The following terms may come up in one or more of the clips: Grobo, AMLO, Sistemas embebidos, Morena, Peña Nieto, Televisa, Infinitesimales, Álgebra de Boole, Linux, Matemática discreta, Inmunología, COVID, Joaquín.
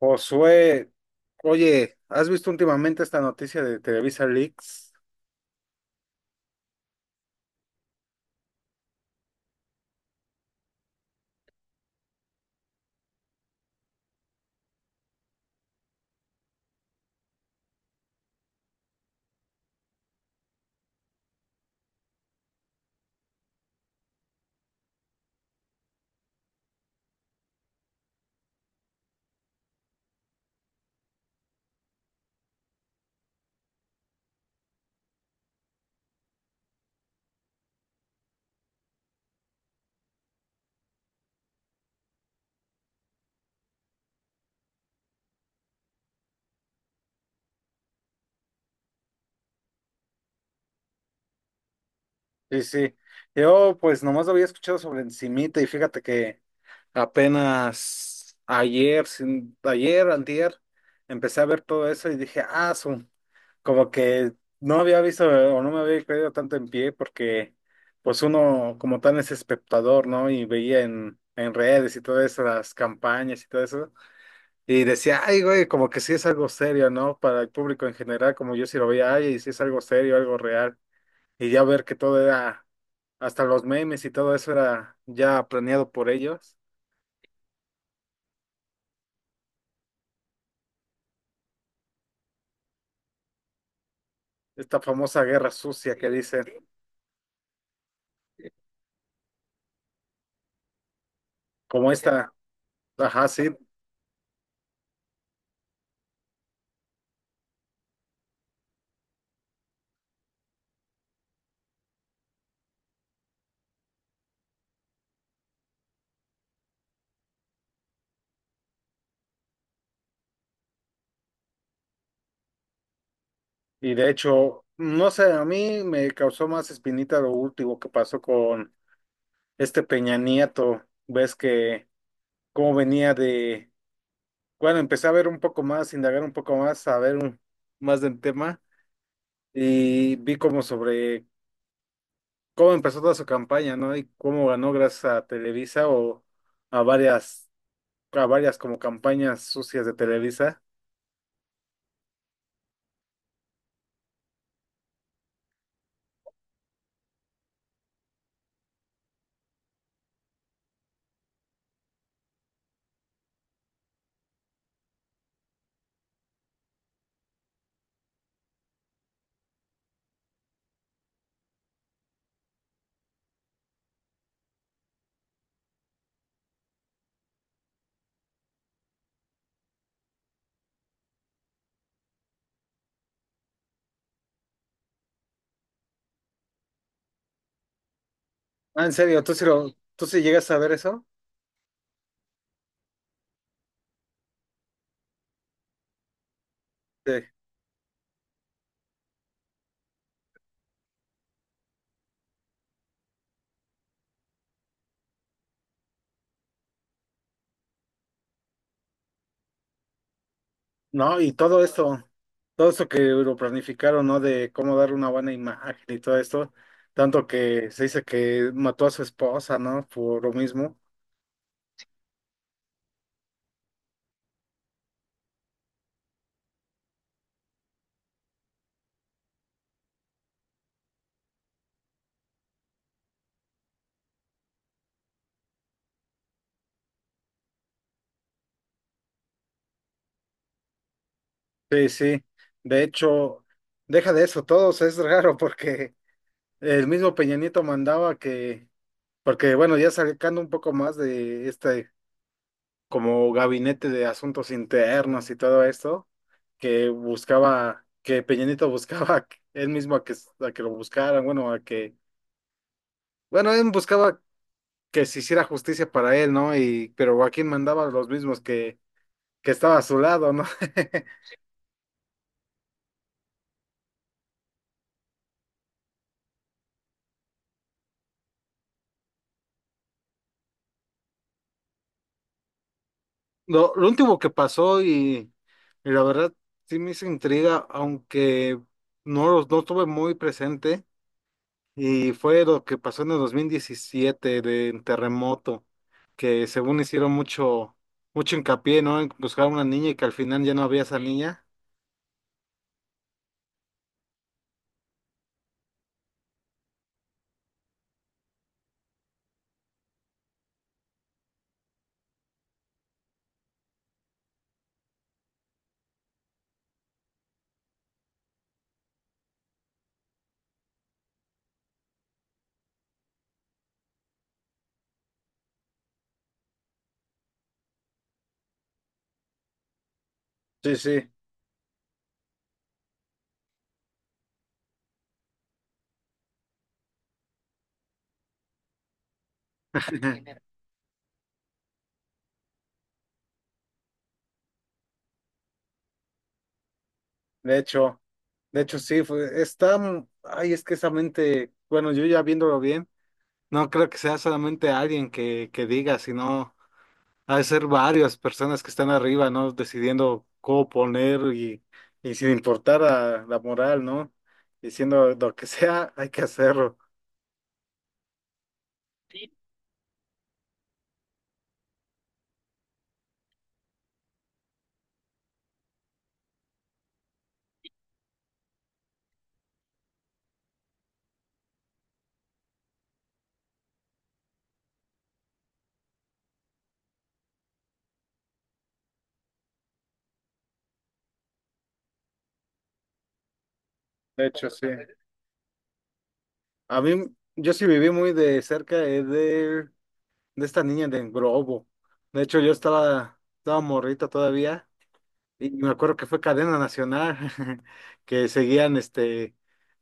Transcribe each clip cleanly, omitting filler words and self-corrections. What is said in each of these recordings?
Josué, oye, ¿has visto últimamente esta noticia de Televisa Leaks? Sí, sí. Yo pues nomás lo había escuchado sobre encimita y fíjate que apenas ayer, ayer, antier, empecé a ver todo eso y dije, como que no había visto o no me había creído tanto en pie porque pues uno como tal es espectador, ¿no? Y veía en redes y todas las campañas y todo eso. Y decía, ay, güey, como que sí es algo serio, ¿no? Para el público en general, como yo sí lo veía, ay, y sí es algo serio, algo real. Y ya ver que hasta los memes y todo eso era ya planeado por ellos. Esta famosa guerra sucia que dicen, como esta, ajá, sí. Y de hecho, no sé, a mí me causó más espinita lo último que pasó con este Peña Nieto. Ves que cómo venía de, bueno, Empecé a ver un poco más, indagar un poco más, más del tema. Y vi como sobre cómo empezó toda su campaña, ¿no? Y cómo ganó gracias a Televisa o a varias, a varias como campañas sucias de Televisa. Ah, en serio, tú sí llegas a ver eso? Sí. No, todo esto que lo planificaron, ¿no? De cómo dar una buena imagen y todo esto, tanto que se dice que mató a su esposa, ¿no? Por lo mismo. Sí, sí. De hecho, deja de eso, todos es raro porque el mismo Peña Nieto mandaba que, porque bueno, ya sacando un poco más de este como gabinete de asuntos internos y todo esto, que Peña Nieto buscaba él mismo a que lo buscaran, él buscaba que se hiciera justicia para él, ¿no? Y, pero Joaquín mandaba a los mismos que estaba a su lado, ¿no? Lo último que pasó y la verdad sí me hizo intriga, aunque no, no tuve muy presente. Y fue lo que pasó en el 2017 de terremoto, que según hicieron mucho hincapié, ¿no? En buscar una niña y que al final ya no había esa niña. Sí, sí. De hecho, de hecho sí, fue, está, m- ay, es que esa mente, bueno, yo ya viéndolo bien, no creo que sea solamente que diga, sino ha de ser varias personas que están arriba, ¿no? Decidiendo cómo poner y sin importar a la moral, ¿no? Diciendo lo que sea, hay que hacerlo. De hecho, sí. A mí, yo sí viví muy de cerca de esta niña de Grobo. De hecho, estaba morrito todavía y me acuerdo que fue cadena nacional, que seguían este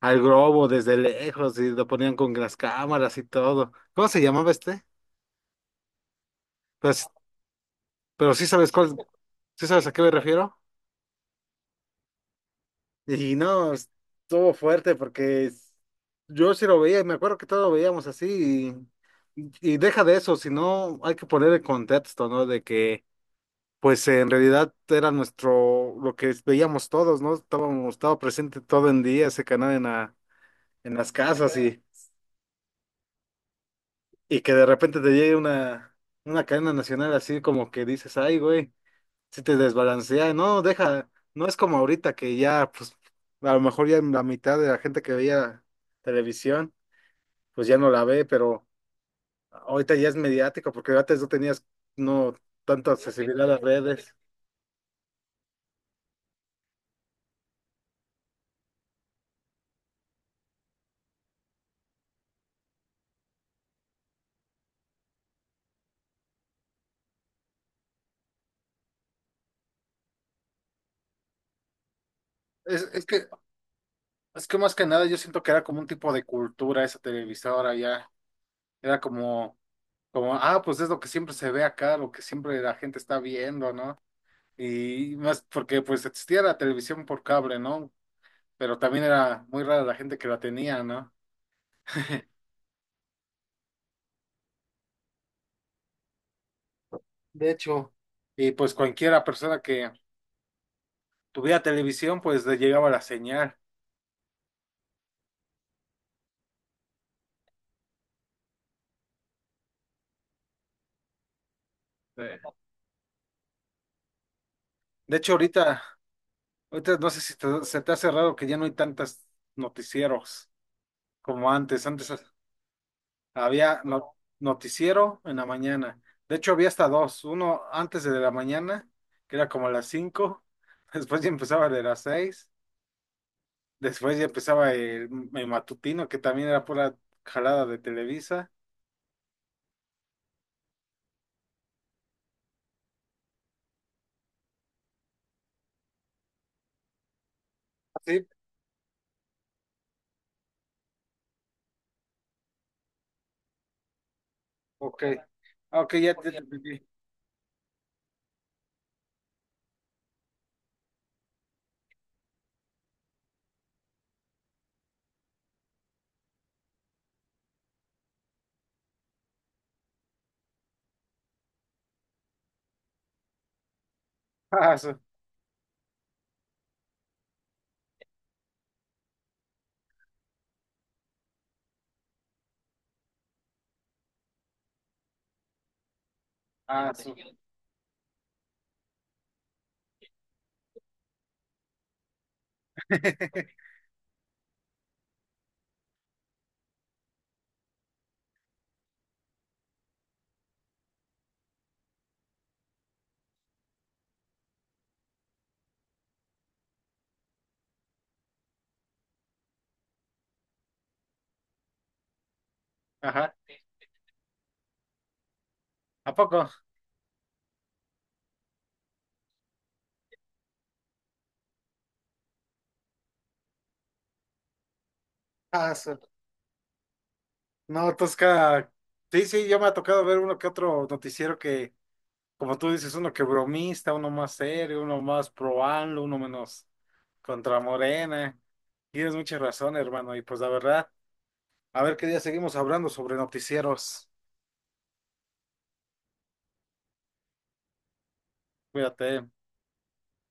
al Grobo desde lejos y lo ponían con las cámaras y todo. ¿Cómo se llamaba este? Pues, pero sí sabes cuál, sí sabes a qué me refiero. Y no, estuvo fuerte porque yo sí lo veía y me acuerdo que todos lo veíamos así y deja de eso, sino hay que poner el contexto, ¿no? De que pues en realidad era nuestro, lo que veíamos todos, ¿no? Estaba presente todo el día ese canal en las casas y que de repente te llegue una cadena nacional así como que dices, ay, güey. Si te desbalancea, no, deja, no es como ahorita que ya, pues, a lo mejor ya la mitad de la gente que veía televisión, pues ya no la ve, pero ahorita ya es mediático, porque antes no tenías, no, tanta accesibilidad a las redes. Es, es que, es que más que nada yo siento que era como un tipo de cultura esa televisora ya. Era como, ah, pues es lo que siempre se ve acá, lo que siempre la gente está viendo, ¿no? Y más porque pues existía la televisión por cable, ¿no? Pero también era muy rara la gente que la tenía, ¿no? De hecho, y pues cualquiera persona que tuviera televisión, pues le llegaba la señal. Sí. De hecho, ahorita no sé si se te hace raro que ya no hay tantos noticieros como antes. Antes había noticiero en la mañana. De hecho, había hasta dos. Uno antes de la mañana, que era como a las cinco. Después ya empezaba de las seis. Después ya empezaba el matutino, que también era pura jalada de Televisa. Sí, ok. Ah, ok, ya te entendí. Ah, su. Ah, su. Ajá. ¿A poco? Ah, su. No, Tosca. Sí, sí, ya me ha tocado ver uno que otro noticiero que, como tú dices, uno que bromista, uno más serio, uno más pro AMLO, uno menos contra Morena. Tienes mucha razón, hermano. Y pues la verdad, a ver qué día seguimos hablando sobre noticieros. Cuídate.